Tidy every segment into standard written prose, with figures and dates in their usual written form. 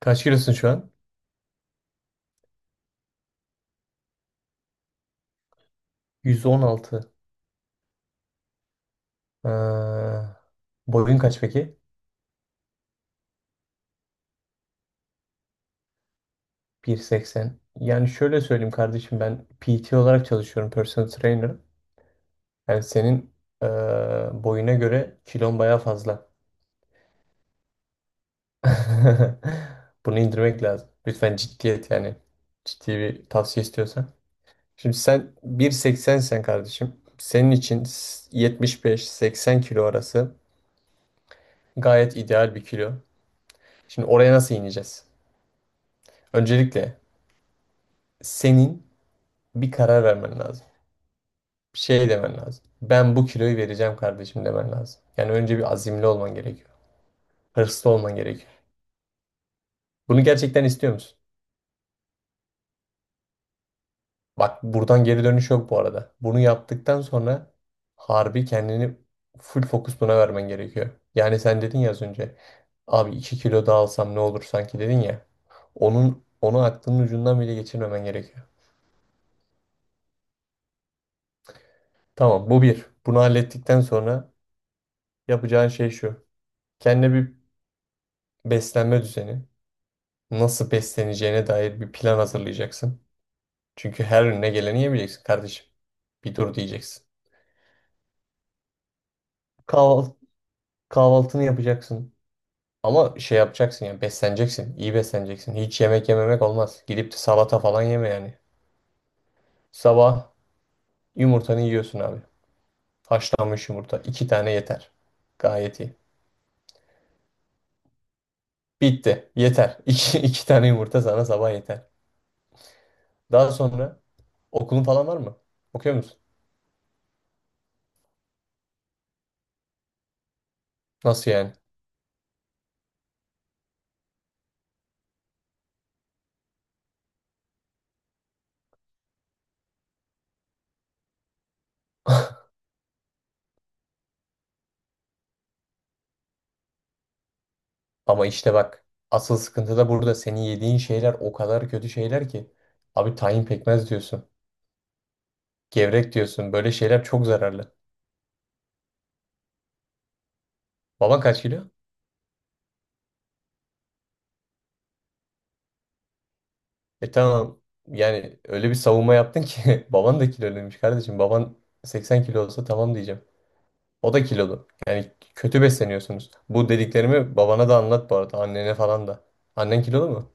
Kaç kilosun şu an? 116. Ha, boyun kaç peki? 1.80. Yani şöyle söyleyeyim kardeşim ben PT olarak çalışıyorum. Personal trainer. Yani senin eee, boyuna göre kilon baya fazla. Bunu indirmek lazım. Lütfen ciddiyet yani. Ciddi bir tavsiye istiyorsan. Şimdi sen 1.80 sen kardeşim. Senin için 75-80 kilo arası gayet ideal bir kilo. Şimdi oraya nasıl ineceğiz? Öncelikle senin bir karar vermen lazım. Bir şey demen lazım. Ben bu kiloyu vereceğim kardeşim demen lazım. Yani önce bir azimli olman gerekiyor. Hırslı olman gerekiyor. Bunu gerçekten istiyor musun? Bak buradan geri dönüş yok bu arada. Bunu yaptıktan sonra harbi kendini full fokus buna vermen gerekiyor. Yani sen dedin ya az önce. Abi 2 kilo daha alsam ne olur sanki dedin ya. Onu aklının ucundan bile geçirmemen gerekiyor. Tamam bu bir. Bunu hallettikten sonra yapacağın şey şu. Kendine bir beslenme düzeni. Nasıl besleneceğine dair bir plan hazırlayacaksın. Çünkü her önüne geleni yemeyeceksin kardeşim. Bir dur diyeceksin. Kahval- kahvaltını yapacaksın. Ama şey yapacaksın yani besleneceksin. İyi besleneceksin. Hiç yemek yememek olmaz. Gidip de salata falan yeme yani. Sabah yumurtanı yiyorsun abi. Haşlanmış yumurta. 2 tane yeter. Gayet iyi. Bitti. Yeter. İki tane yumurta sana sabah yeter. Daha sonra okulun falan var mı? Okuyor musun? Nasıl yani? Ama işte bak asıl sıkıntı da burada. Senin yediğin şeyler o kadar kötü şeyler ki. Abi tahin pekmez diyorsun. Gevrek diyorsun. Böyle şeyler çok zararlı. Baban kaç kilo? E tamam. Yani öyle bir savunma yaptın ki baban da kiloluymuş kardeşim. Baban 80 kilo olsa tamam diyeceğim. O da kilolu. Yani kötü besleniyorsunuz. Bu dediklerimi babana da anlat bu arada. Annene falan da. Annen kilolu mu?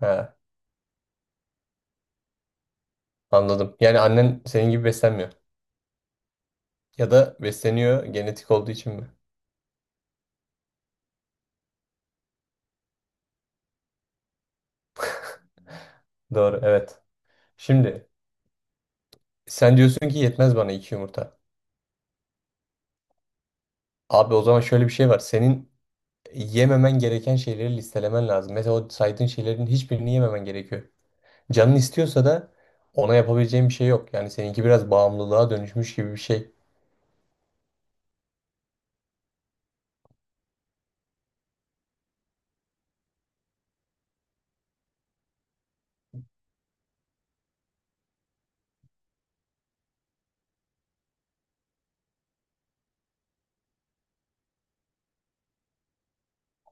He, anladım. Yani annen senin gibi beslenmiyor. Ya da besleniyor genetik olduğu için mi? Doğru, evet. Şimdi sen diyorsun ki yetmez bana iki yumurta. Abi o zaman şöyle bir şey var. Senin yememen gereken şeyleri listelemen lazım. Mesela o saydığın şeylerin hiçbirini yememen gerekiyor. Canın istiyorsa da ona yapabileceğin bir şey yok. Yani seninki biraz bağımlılığa dönüşmüş gibi bir şey.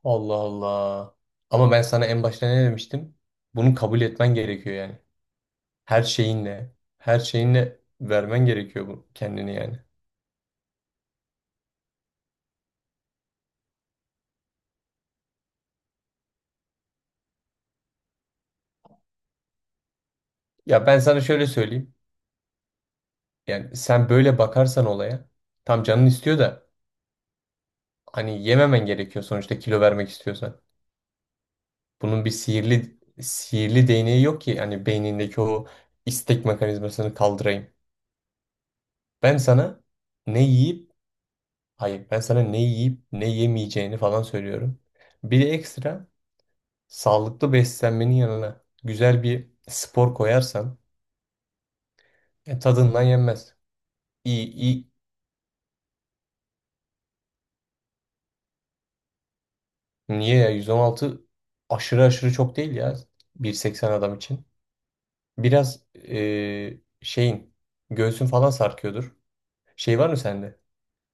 Allah Allah. Ama ben sana en başta ne demiştim? Bunu kabul etmen gerekiyor yani. Her şeyinle, her şeyinle vermen gerekiyor bu kendini yani. Ya ben sana şöyle söyleyeyim. Yani sen böyle bakarsan olaya, tam canın istiyor da hani yememen gerekiyor sonuçta kilo vermek istiyorsan. Bunun bir sihirli sihirli değneği yok ki hani beynindeki o istek mekanizmasını kaldırayım. Ben sana ne yiyip hayır ben sana ne yiyip ne yemeyeceğini falan söylüyorum. Bir de ekstra sağlıklı beslenmenin yanına güzel bir spor koyarsan tadından yenmez. İyi iyi. Niye ya 116 aşırı aşırı çok değil ya 1.80 adam için. Biraz şeyin göğsün falan sarkıyordur. Şey var mı sende?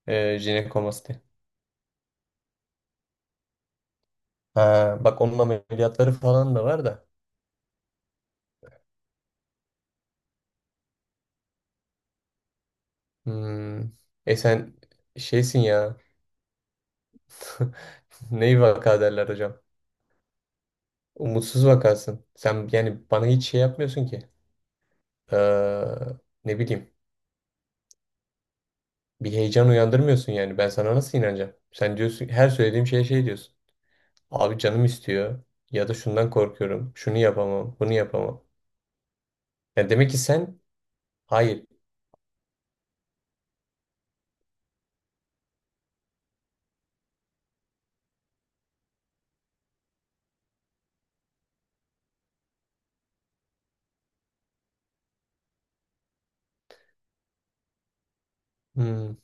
Jinekomasti. Ha, bak onun ameliyatları falan da var da. Hmm. E sen şeysin ya. Neyi vaka derler hocam? Umutsuz vakasın. Sen yani bana hiç şey yapmıyorsun ki. Ee, Ne bileyim. Bir heyecan uyandırmıyorsun yani. Ben sana nasıl inanacağım? Sen diyorsun her söylediğim şeye şey diyorsun. Abi canım istiyor. Ya da şundan korkuyorum. Şunu yapamam. Bunu yapamam. Yani demek ki sen. Hayır. Hmm.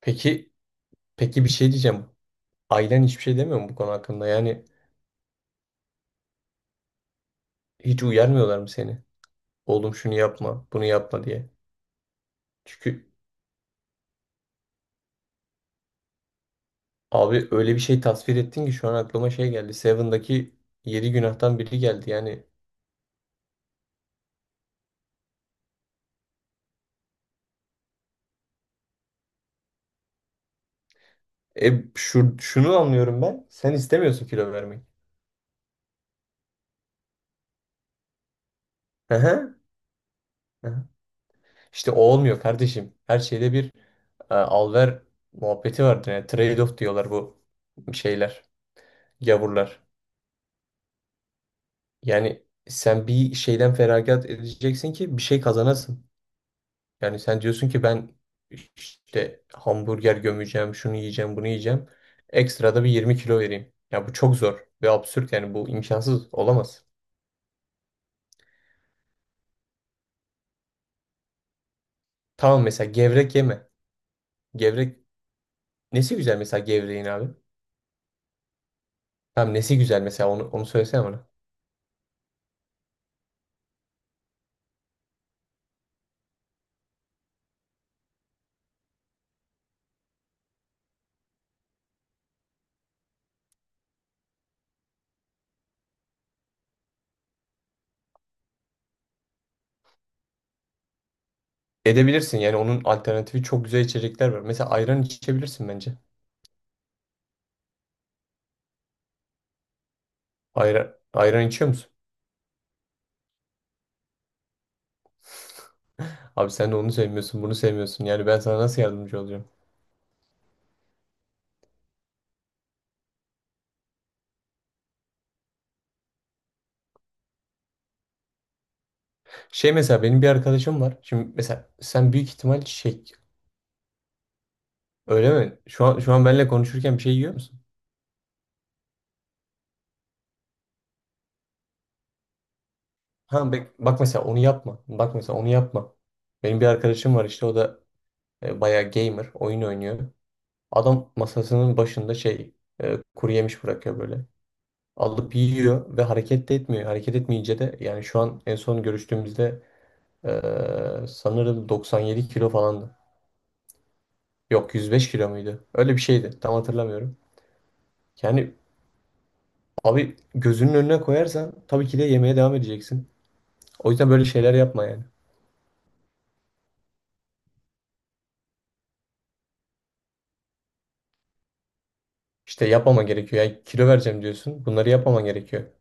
Peki peki bir şey diyeceğim. Ailen hiçbir şey demiyor mu bu konu hakkında? Yani hiç uyarmıyorlar mı seni? Oğlum şunu yapma, bunu yapma diye. Çünkü abi öyle bir şey tasvir ettin ki şu an aklıma şey geldi. Seven'daki yedi günahtan biri geldi. Yani şunu anlıyorum ben. Sen istemiyorsun kilo vermek. Hı hı, hı. İşte o olmuyor kardeşim. Her şeyde bir al ver muhabbeti vardır. Yani trade-off diyorlar bu şeyler, gavurlar. Yani sen bir şeyden feragat edeceksin ki bir şey kazanasın. Yani sen diyorsun ki ben işte hamburger gömeceğim, şunu yiyeceğim, bunu yiyeceğim. Ekstra da bir 20 kilo vereyim. Ya bu çok zor ve absürt yani bu imkansız olamaz. Tamam mesela gevrek yeme. Gevrek nesi güzel mesela gevreğin abi? Tamam nesi güzel mesela onu söylesene bana. Edebilirsin yani onun alternatifi çok güzel içecekler var. Mesela ayran içebilirsin bence. Ayran içiyor musun? Abi sen de onu sevmiyorsun, bunu sevmiyorsun. Yani ben sana nasıl yardımcı olacağım? Şey mesela benim bir arkadaşım var. Şimdi mesela sen büyük ihtimal şey öyle mi? Şu an benimle konuşurken bir şey yiyor musun? Ha bak, bak mesela onu yapma. Bak mesela onu yapma. Benim bir arkadaşım var işte o da bayağı gamer, oyun oynuyor. Adam masasının başında şey kuru yemiş bırakıyor böyle. Alıp yiyor ve hareket de etmiyor. Hareket etmeyince de yani şu an en son görüştüğümüzde sanırım 97 kilo falandı. Yok 105 kilo muydu? Öyle bir şeydi. Tam hatırlamıyorum. Yani abi gözünün önüne koyarsan tabii ki de yemeye devam edeceksin. O yüzden böyle şeyler yapma yani. İşte yapmaman gerekiyor. Yani kilo vereceğim diyorsun. Bunları yapmaman gerekiyor.